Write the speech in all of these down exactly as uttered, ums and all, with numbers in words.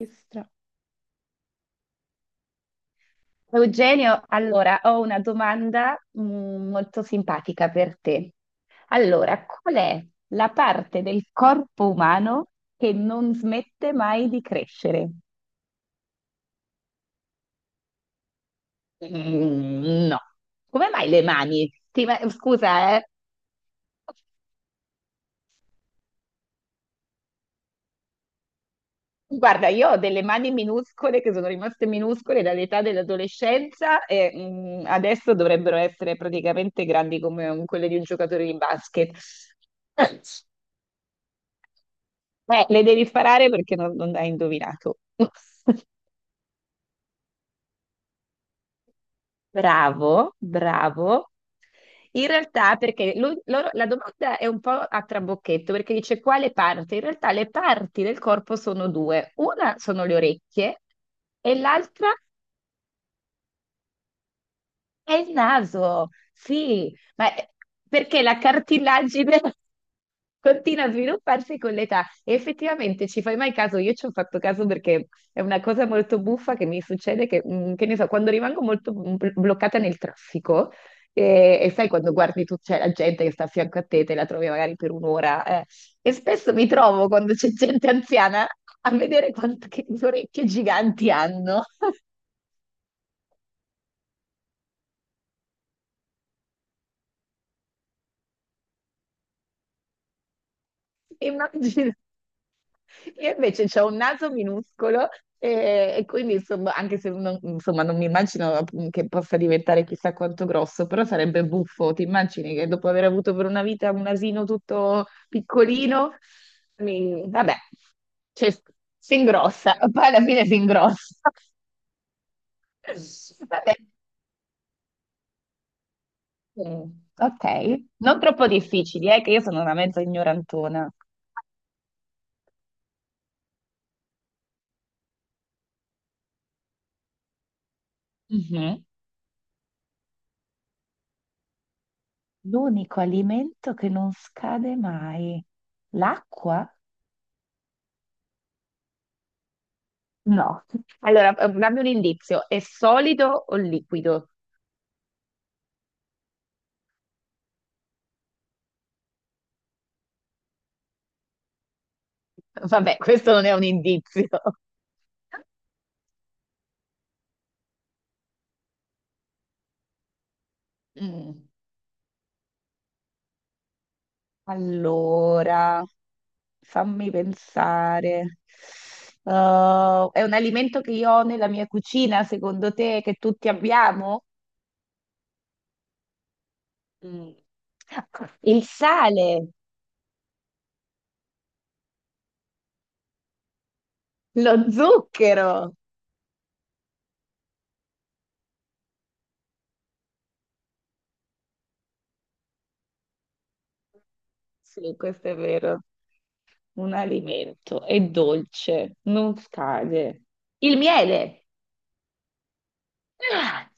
Maestra. Eugenio, allora ho una domanda mm, molto simpatica per te. Allora, qual è la parte del corpo umano che non smette mai di crescere? Mm, no. Come mai le mani? Ti ma- Scusa, eh. Guarda, io ho delle mani minuscole che sono rimaste minuscole dall'età dell'adolescenza e mm, adesso dovrebbero essere praticamente grandi come um, quelle di un giocatore di basket. Eh, le devi sparare perché non, non hai indovinato. Bravo, bravo. In realtà, perché lui- loro- la domanda è un po' a trabocchetto, perché dice quale parte? In realtà le parti del corpo sono due. Una sono le orecchie e l'altra? È il naso, sì, ma è- perché la cartilagine continua a svilupparsi con l'età e effettivamente ci fai mai caso? Io ci ho fatto caso perché è una cosa molto buffa che mi succede che, mm, che ne so, quando rimango molto mm, bl- bloccata nel traffico e, e sai quando guardi tu, c'è la gente che sta a fianco a te, te la trovi magari per un'ora eh, e spesso mi trovo quando c'è gente anziana a vedere quante che orecchie giganti hanno. Immagino. Io invece ho un naso minuscolo e, e quindi insomma, anche se non, insomma, non mi immagino che possa diventare chissà quanto grosso, però sarebbe buffo. Ti immagini che dopo aver avuto per una vita un asino tutto piccolino, mi- vabbè, cioè, si ingrossa, poi alla fine si ingrossa. Vabbè. Mm, ok, non troppo difficili, eh, che io sono una mezza ignorantona. Mhm. L'unico alimento che non scade mai, l'acqua? No. Allora, eh, dammi un indizio. È solido o liquido? Vabbè, questo non è un indizio. Mm, allora, fammi pensare. Uh, è un alimento che io ho nella mia cucina, secondo te, che tutti abbiamo? Mm. Il sale, lo zucchero. Sì, questo è vero. Un alimento, è dolce, non scade. Il miele. Ah!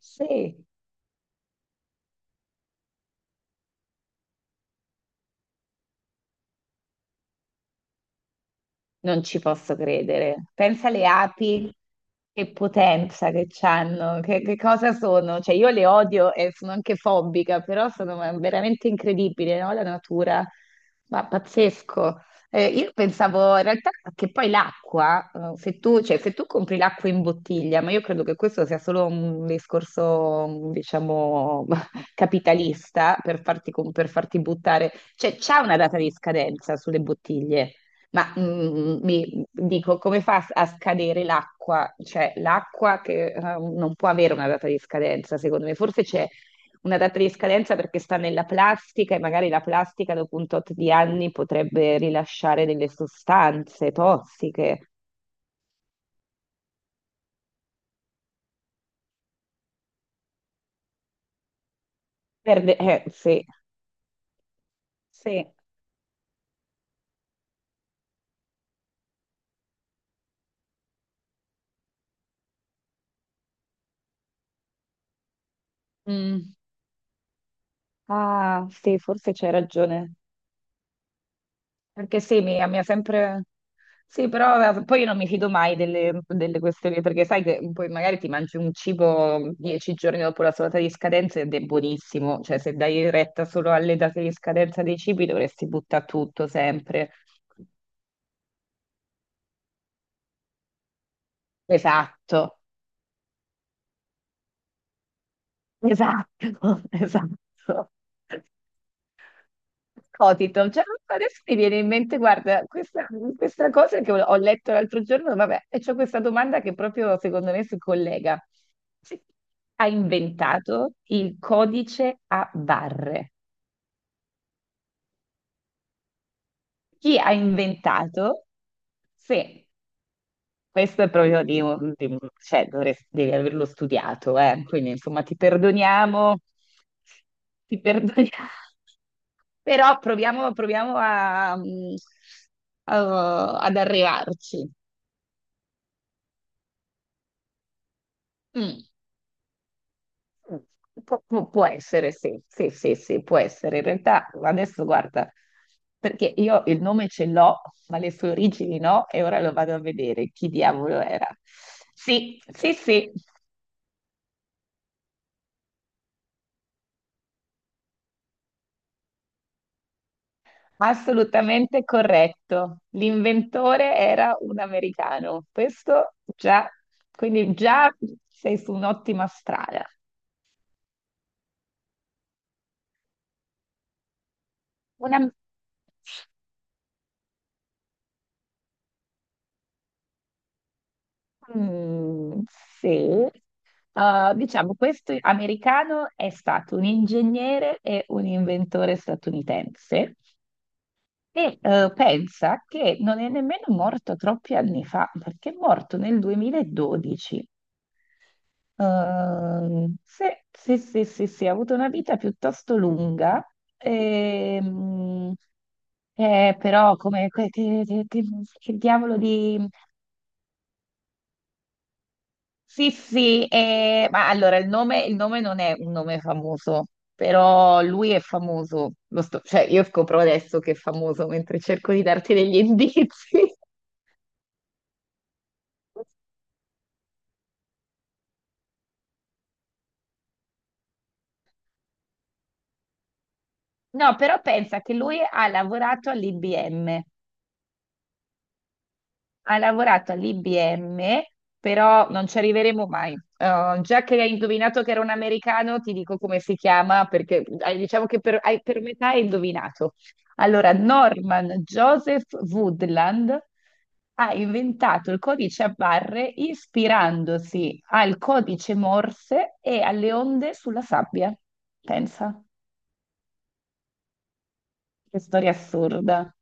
Sì, non ci posso credere. Pensa alle api, che potenza che hanno, che, che cosa sono. Cioè, io le odio e sono anche fobica, però sono veramente incredibili, no? La natura, ma pazzesco. Eh, io pensavo in realtà che poi l'acqua, eh, se tu, cioè, se tu compri l'acqua in bottiglia, ma io credo che questo sia solo un discorso, diciamo, capitalista per farti, com- per farti buttare, cioè c'è una data di scadenza sulle bottiglie. Ma mm, mm, mi dico, come fa a scadere l'acqua? Cioè, l'acqua che eh, non può avere una data di scadenza, secondo me. Forse c'è una data di scadenza perché sta nella plastica e magari la plastica dopo un tot di anni potrebbe rilasciare delle sostanze tossiche. Perde... Eh, sì, sì. Mm. Ah, sì, forse c'hai ragione. Perché sì, mi, mi ha sempre... Sì, però eh, poi io non mi fido mai delle, delle questioni, perché sai che poi magari ti mangi un cibo dieci giorni dopo la sua data di scadenza ed è buonissimo, cioè se dai retta solo alle date di scadenza dei cibi dovresti buttare tutto sempre. Esatto, esatto, esatto. Scotito, cioè, adesso mi viene in mente, guarda, questa, questa cosa che ho ho letto l'altro giorno, vabbè, e c'ho questa domanda che proprio secondo me si collega. Chi ha inventato il codice a barre? Chi ha inventato? Sì, questo è proprio di, un- di un- cioè, dovresti- devi averlo studiato, eh. Quindi insomma ti perdoniamo, ti perdoniamo. Però proviamo, proviamo a, mm, a- ad arrivarci. Mm. Pu- pu- può essere, sì, sì, sì, sì, può essere. In realtà, adesso guarda, perché io il nome ce l'ho, ma le sue origini no, e ora lo vado a vedere chi diavolo era. Sì, sì, sì, assolutamente corretto. L'inventore era un americano. Questo già, quindi già sei su un'ottima strada. Una... Mm, sì, uh, diciamo, questo americano è stato un ingegnere e un inventore statunitense e eh, pensa che non è nemmeno morto troppi anni fa, perché è morto nel duemiladodici. Ehm, sì, sì, sì, sì, sì, ha avuto una vita piuttosto lunga, ehm, eh, però come, che, che- che- che diavolo di... Sì, sì, eh, ma allora il nome, il nome non è un nome famoso, però lui è famoso. Lo sto- cioè, io scopro adesso che è famoso mentre cerco di darti degli indizi. No, però pensa che lui ha lavorato all'I B M. Ha lavorato all'I B M, però non ci arriveremo mai. Eh, già che hai indovinato che era un americano, ti dico come si chiama, perché eh, diciamo che per, hai- per metà hai indovinato. Allora, Norman Joseph Woodland ha inventato il codice a barre ispirandosi al codice Morse e alle onde sulla sabbia. Pensa, che storia assurda.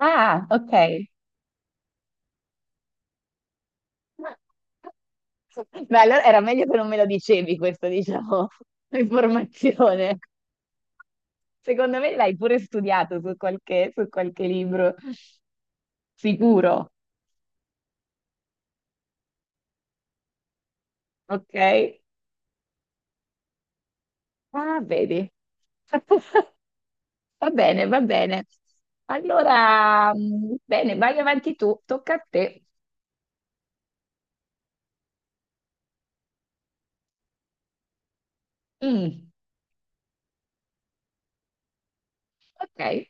Ah, ok. Beh, allora era meglio che non me lo dicevi questa, diciamo, informazione. Secondo me l'hai pure studiato su qualche, su qualche libro, sicuro, ok? Ah, vedi. Va bene, va bene. Allora, mm, bene, vai avanti tu, tocca a te. Mm, ok.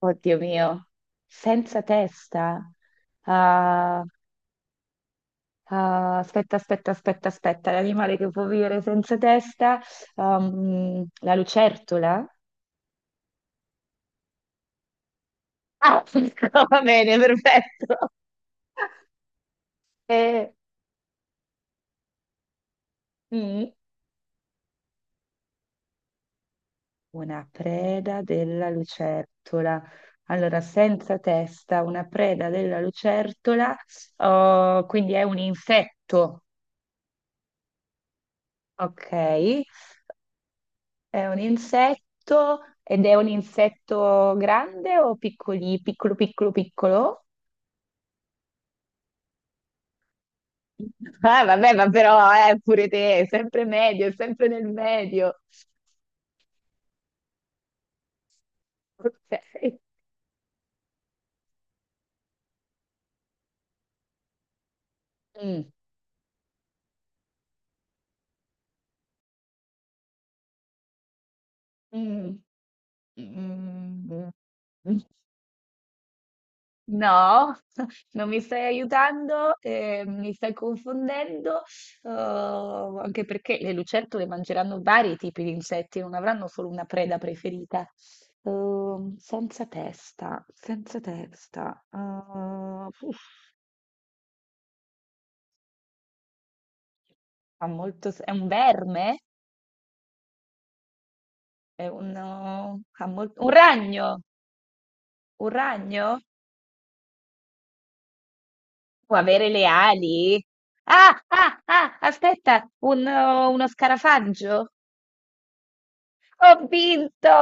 Oddio mio, senza testa. Ah, ah, aspetta, aspetta, aspetta, aspetta, l'animale che può vivere senza testa, ehm, la lucertola? Ah, va bene, perfetto. Eh, mm, una preda della lucertola. Allora, senza testa, una preda della lucertola, oh, quindi è un insetto, ok? È un insetto ed è un insetto grande o piccoli, piccolo, piccolo, piccolo? Ah, vabbè, ma però eh, pure te, è sempre medio, è sempre nel medio. Ok. Mm, mm, mm, mm, mm. No, non mi stai aiutando, eh, mi stai confondendo, oh, anche perché le lucertole mangeranno vari tipi di insetti, non avranno solo una preda preferita. Ehm, senza testa, senza testa. Ah, uff, ha molto, se- è un verme? È uno- ha mol- Un ragno, un ragno può avere le ali. Ah, ah, ah, aspetta, un- uno scarafaggio. Ho vinto!